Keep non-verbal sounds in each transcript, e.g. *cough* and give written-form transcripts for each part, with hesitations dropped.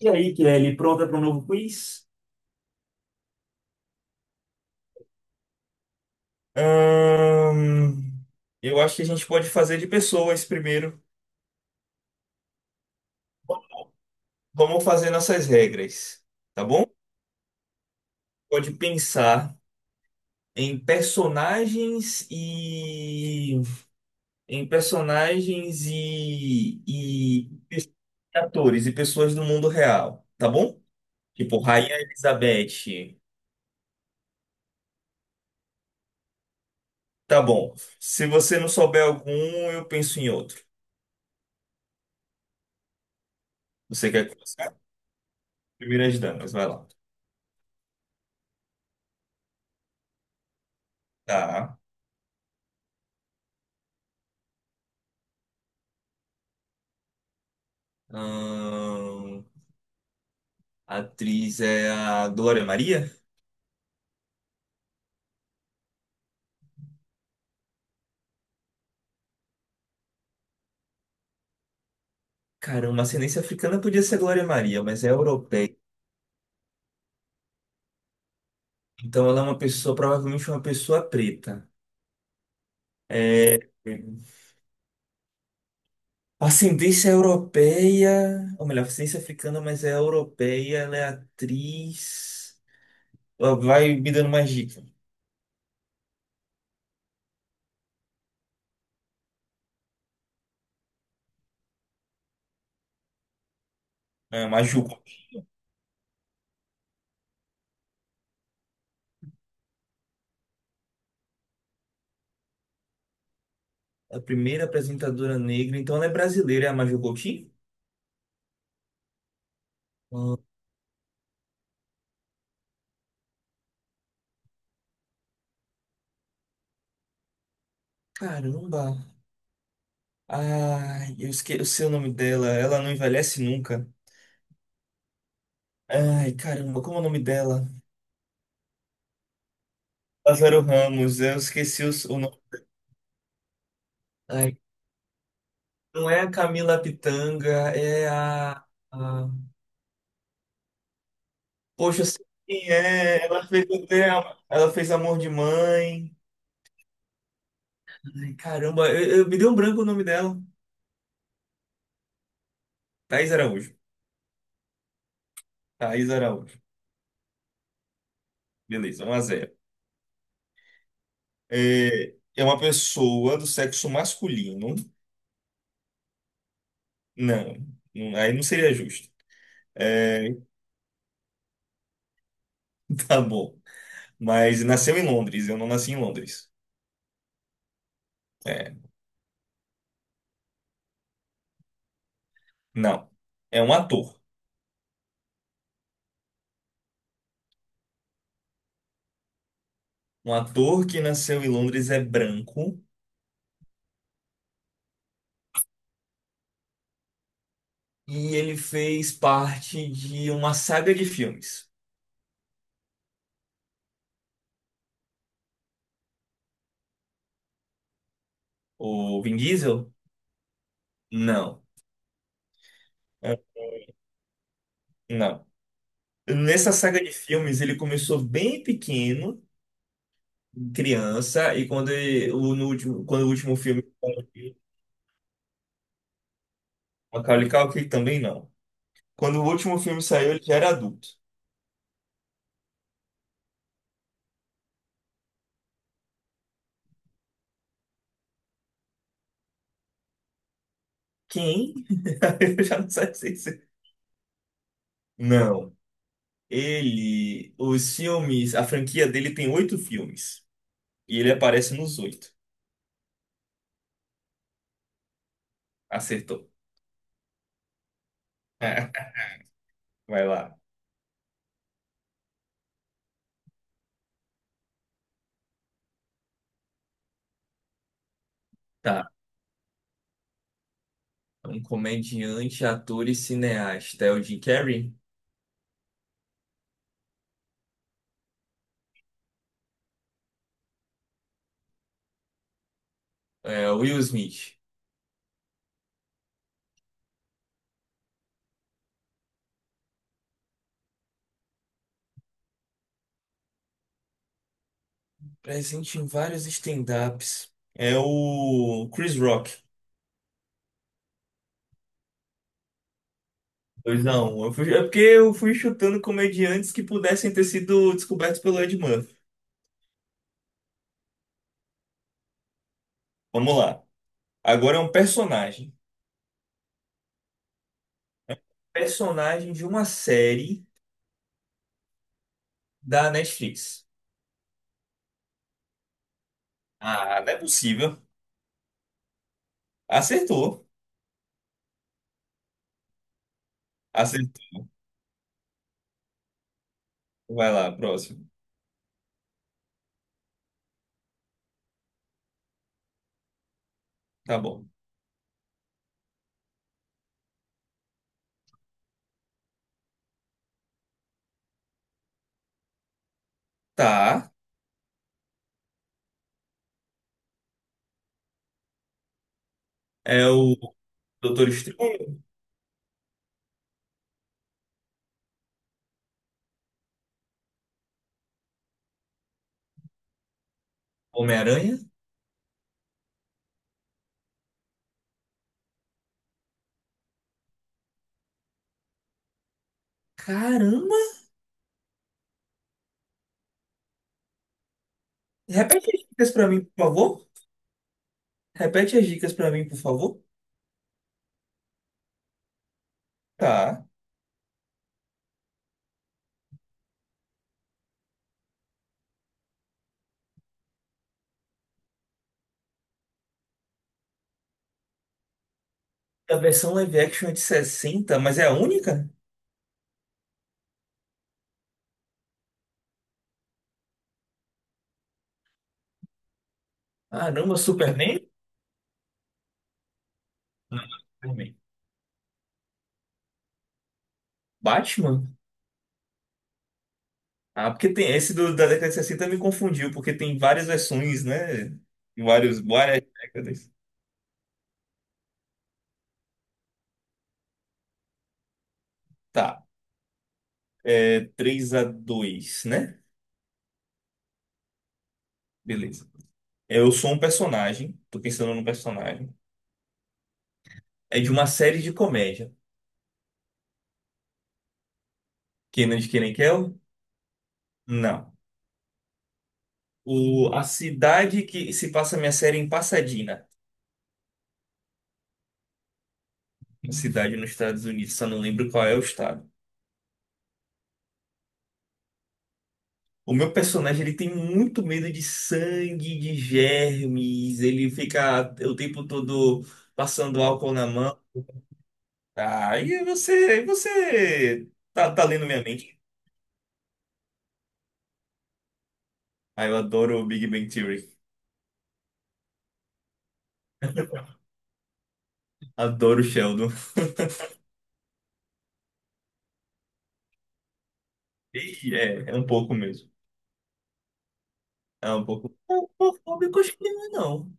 E aí, Kelly, pronta para um novo quiz? Ahn, eu acho que a gente pode fazer de pessoas primeiro. Vamos fazer nossas regras, tá bom? Pode pensar em personagens e em personagens e atores e pessoas do mundo real, tá bom? Tipo Rainha Elizabeth. Tá bom. Se você não souber algum, eu penso em outro. Você quer começar? Primeiras damas, vai lá. Tá. Ahn, a atriz é a Glória Maria? Cara, uma ascendência africana podia ser a Glória Maria, mas é europeia. Então ela é uma pessoa, provavelmente uma pessoa preta. É, ascendência europeia, ou melhor, ascendência africana, mas é europeia, ela é atriz. Ela vai me dando mais dica. É, Maju, a primeira apresentadora negra, então ela é brasileira, é a Maju Coutinho? Caramba! Ai, eu esqueci o nome dela, ela não envelhece nunca. Ai, caramba, como é o nome dela? Lázaro Ramos, eu esqueci o nome. Ai, não é a Camila Pitanga, é a. Poxa, eu sei quem é. Ela fez Amor de Mãe. Ai, caramba, me deu um branco o nome dela. Thaís Araújo. Thaís Araújo. Beleza, um a zero. É uma pessoa do sexo masculino. Não, aí não seria justo. É, *laughs* tá bom. Mas nasceu em Londres, eu não nasci em Londres. É. Não. É um ator. Um ator que nasceu em Londres é branco e ele fez parte de uma saga de filmes. O Vin Diesel? Não. É, Não. Nessa saga de filmes, ele começou bem pequeno, criança, e no último, quando o último filme saiu, Macaulay Culkin também não. Quando o último filme saiu, ele já era adulto. Quem? *laughs* Eu já não sei se. Não. Ele, os filmes, a franquia dele tem oito filmes. E ele aparece nos oito. Acertou. *laughs* Vai lá. Tá. Um comediante, ator e cineasta. É o Jim Carrey? É o Will Smith. Presente em vários stand-ups. É o Chris Rock. Dois a um. É porque eu fui chutando comediantes que pudessem ter sido descobertos pelo Ed Murphy. Vamos lá. Agora é um personagem. Personagem de uma série da Netflix. Ah, não é possível. Acertou. Acertou. Vai lá, próximo. Tá bom. Tá. É o Doutor Estranho, Homem-Aranha. Caramba! Repete as dicas pra mim, por favor. Repete as dicas pra mim, por favor. Tá. A versão live action é de 60, mas é a única? Caramba, Superman? Não, Superman. Batman? Ah, porque tem esse da década de 60 me confundiu, porque tem várias versões, né? Em vários, várias décadas. Tá. É 3 a 2, né? Beleza. Eu sou um personagem, tô pensando num personagem. É de uma série de comédia. Kenan de Kenan e Kel? Não. A cidade que se passa a minha série é em Pasadena, uma cidade nos Estados Unidos, só não lembro qual é o estado. O meu personagem ele tem muito medo de sangue, de germes, ele fica o tempo todo passando álcool na mão. Ah, e você tá lendo minha mente. Ah, eu adoro o Big Bang Theory. Adoro o Sheldon. E é um pouco mesmo. É um pouco homofóbico, acho que não é, não.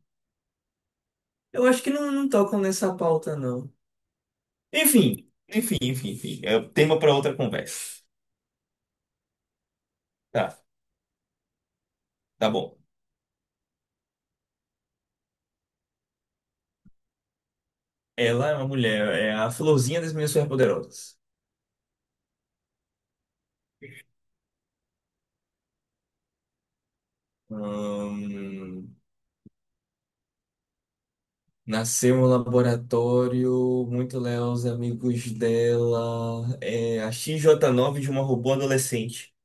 Eu acho que não, não tocam nessa pauta, não. Enfim, enfim, enfim, enfim. É tema para outra conversa. Tá, tá bom. Ela é uma mulher, é a florzinha das minhas superpoderosas. Hum, nasceu no laboratório, muito leal os amigos dela. É a XJ9 de uma robô adolescente.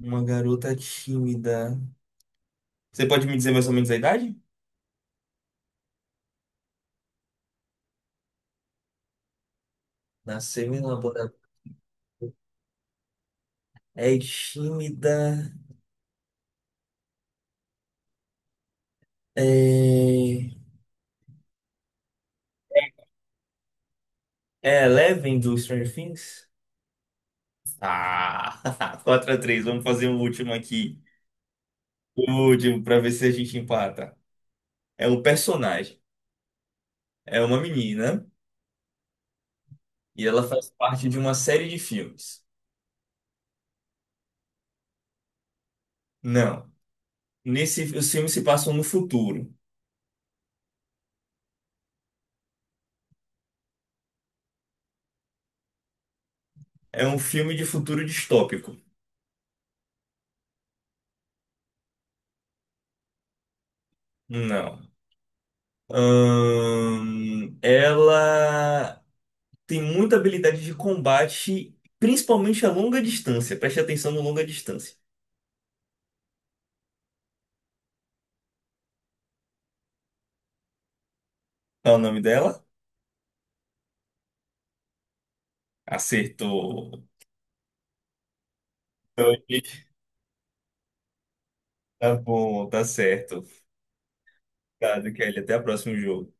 Uma garota tímida. Você pode me dizer mais ou menos a idade? Nasceu em laboratório. É tímida. É, é Eleven do Stranger Things? Ah, *laughs* quatro a três. Vamos fazer o último aqui. O último, pra ver se a gente empata. É um personagem, é uma menina, e ela faz parte de uma série de filmes. Não, nesse, os filmes se passam no futuro. É um filme de futuro distópico. Não. Ela tem muita habilidade de combate, principalmente a longa distância. Preste atenção no longa distância. Qual é o nome dela? Acertou. Então, tá bom, tá certo. Tá, Kelly, até a próxima jogo.